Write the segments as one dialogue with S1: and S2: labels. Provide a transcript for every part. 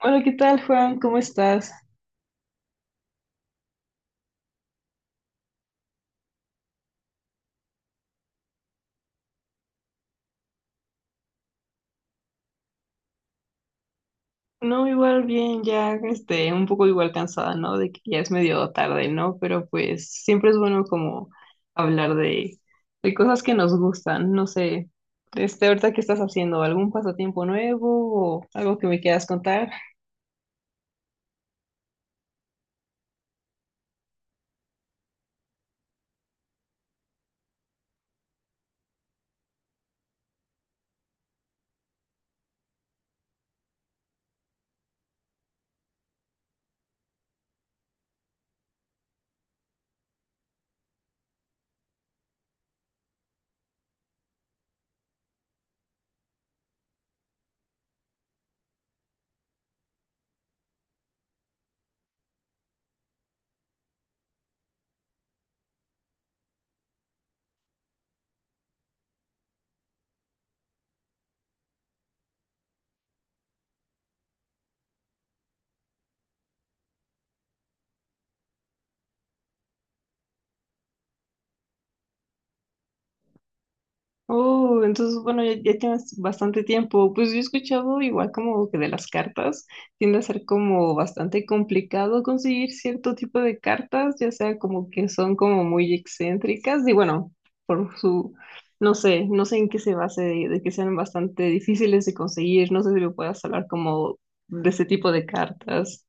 S1: Hola, ¿qué tal, Juan? ¿Cómo estás? No, igual bien, un poco igual cansada, ¿no? De que ya es medio tarde, ¿no? Pero pues siempre es bueno como hablar de cosas que nos gustan, no sé. Este, ahorita, ¿qué estás haciendo? ¿Algún pasatiempo nuevo o algo que me quieras contar? Oh, entonces, bueno, ya tienes bastante tiempo. Pues yo he escuchado igual como que de las cartas tiende a ser como bastante complicado conseguir cierto tipo de cartas, ya sea como que son como muy excéntricas y bueno, por su, no sé, no sé en qué se base de que sean bastante difíciles de conseguir. No sé si me puedas hablar como de ese tipo de cartas.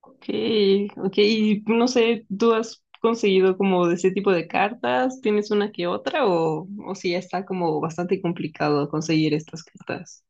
S1: Okay, okay, y no sé, ¿tú has conseguido como de ese tipo de cartas? ¿Tienes una que otra o si ya está como bastante complicado conseguir estas cartas?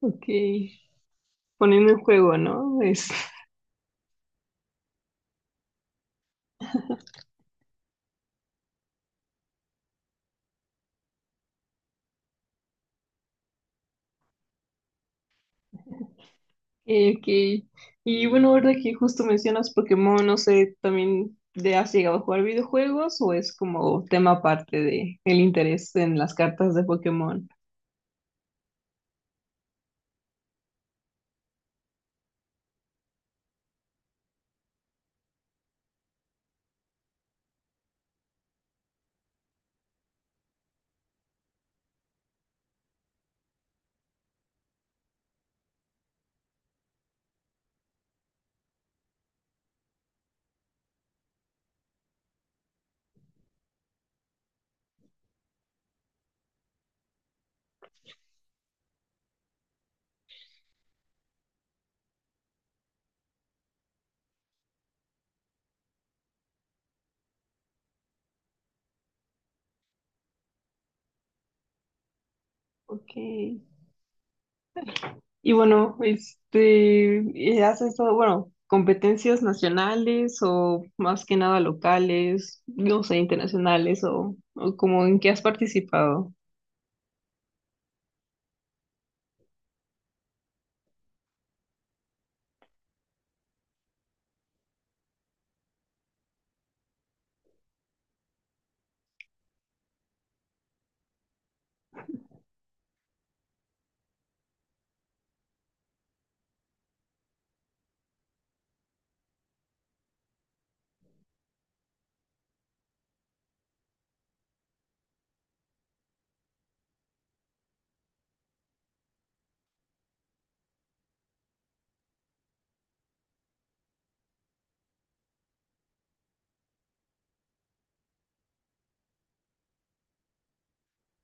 S1: Okay, poniendo en juego, ¿no? Es, ok. Y bueno, ahora que justo mencionas Pokémon, no sé, también ¿te has llegado a jugar videojuegos o es como tema aparte de el interés en las cartas de Pokémon? Ok. Y bueno, ¿haces todo, bueno, competencias nacionales o más que nada locales, no sé, internacionales o como en qué has participado?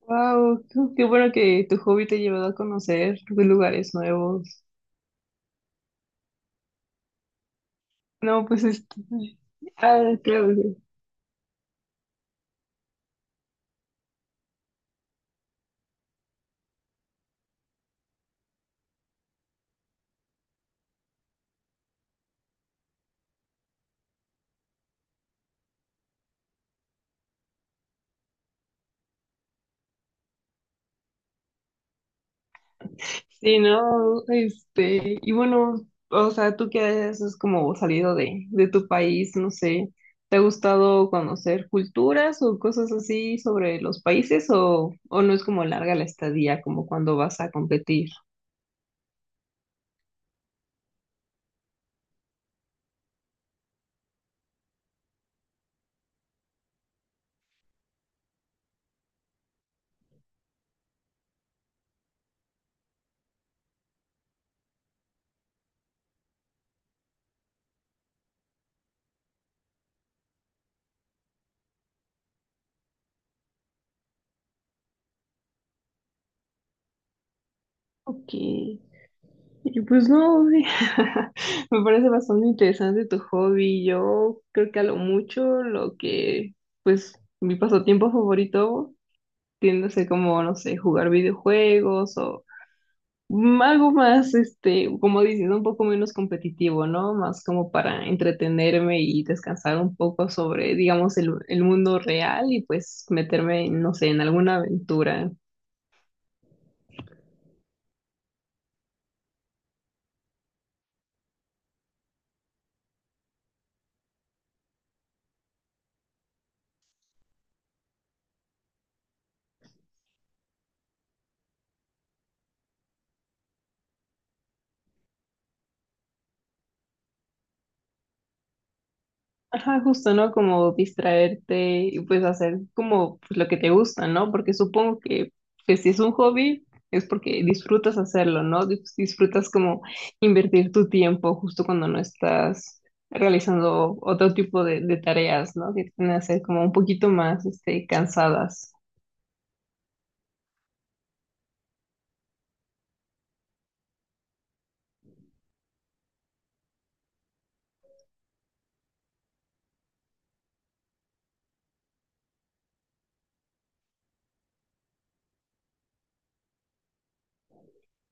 S1: Wow, qué, qué bueno que tu hobby te ha llevado a conocer lugares nuevos. No, pues este, ah, claro, sí, no, este, y bueno, o sea, tú que has como salido de tu país, no sé, ¿te ha gustado conocer culturas o cosas así sobre los países o no es como larga la estadía como cuando vas a competir? Ok, y pues no, me parece bastante interesante tu hobby. Yo creo que a lo mucho lo que, pues, mi pasatiempo favorito tiende a ser como, no sé, jugar videojuegos algo más, este, como diciendo, un poco menos competitivo, ¿no? Más como para entretenerme y descansar un poco sobre, digamos, el mundo real y pues meterme, no sé, en alguna aventura. Ajá, justo, ¿no? Como distraerte y pues hacer como pues, lo que te gusta, ¿no? Porque supongo que pues, si es un hobby es porque disfrutas hacerlo, ¿no? Disfrutas como invertir tu tiempo justo cuando no estás realizando otro tipo de tareas, ¿no? Que tienden a ser como un poquito más este, cansadas.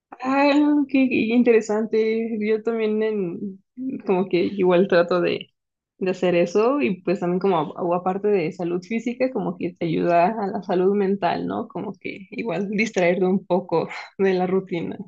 S1: Ah, qué, qué interesante. Yo también en, como que igual trato de hacer eso y pues también como a- o aparte de salud física, como que te ayuda a la salud mental, ¿no? Como que igual distraerte un poco de la rutina.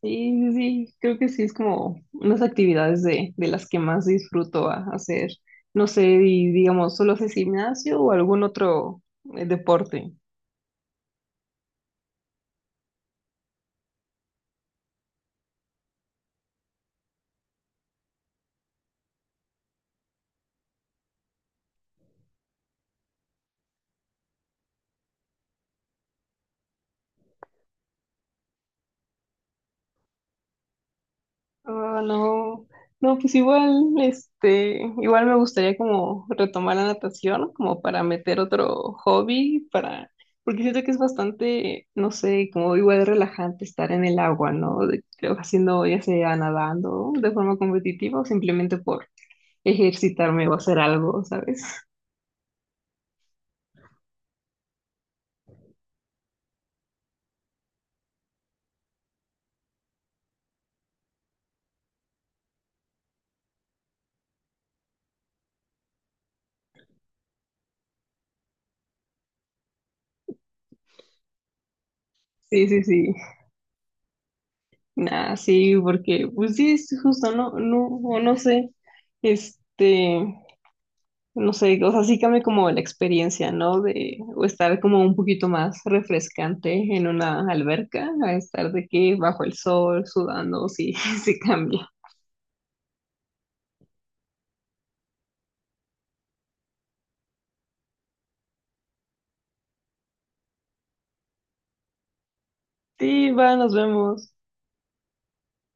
S1: Sí, sí, sí, creo que sí es como unas actividades de las que más disfruto hacer. No sé, y digamos, ¿solo haces gimnasio o algún otro deporte? Ah, no, no, pues igual, este, igual me gustaría como retomar la natación, como para meter otro hobby, para, porque siento que es bastante, no sé, como igual relajante estar en el agua, ¿no? Haciendo, ya sea nadando de forma competitiva o simplemente por ejercitarme o hacer algo, ¿sabes? Sí, sí, sí. Nah, sí, porque, pues sí, es justo, no, no, o no sé, este. No sé, o sea, sí cambia como la experiencia, ¿no? De o estar como un poquito más refrescante en una alberca, a estar de que bajo el sol, sudando, sí, sí cambia. Sí, va, nos vemos.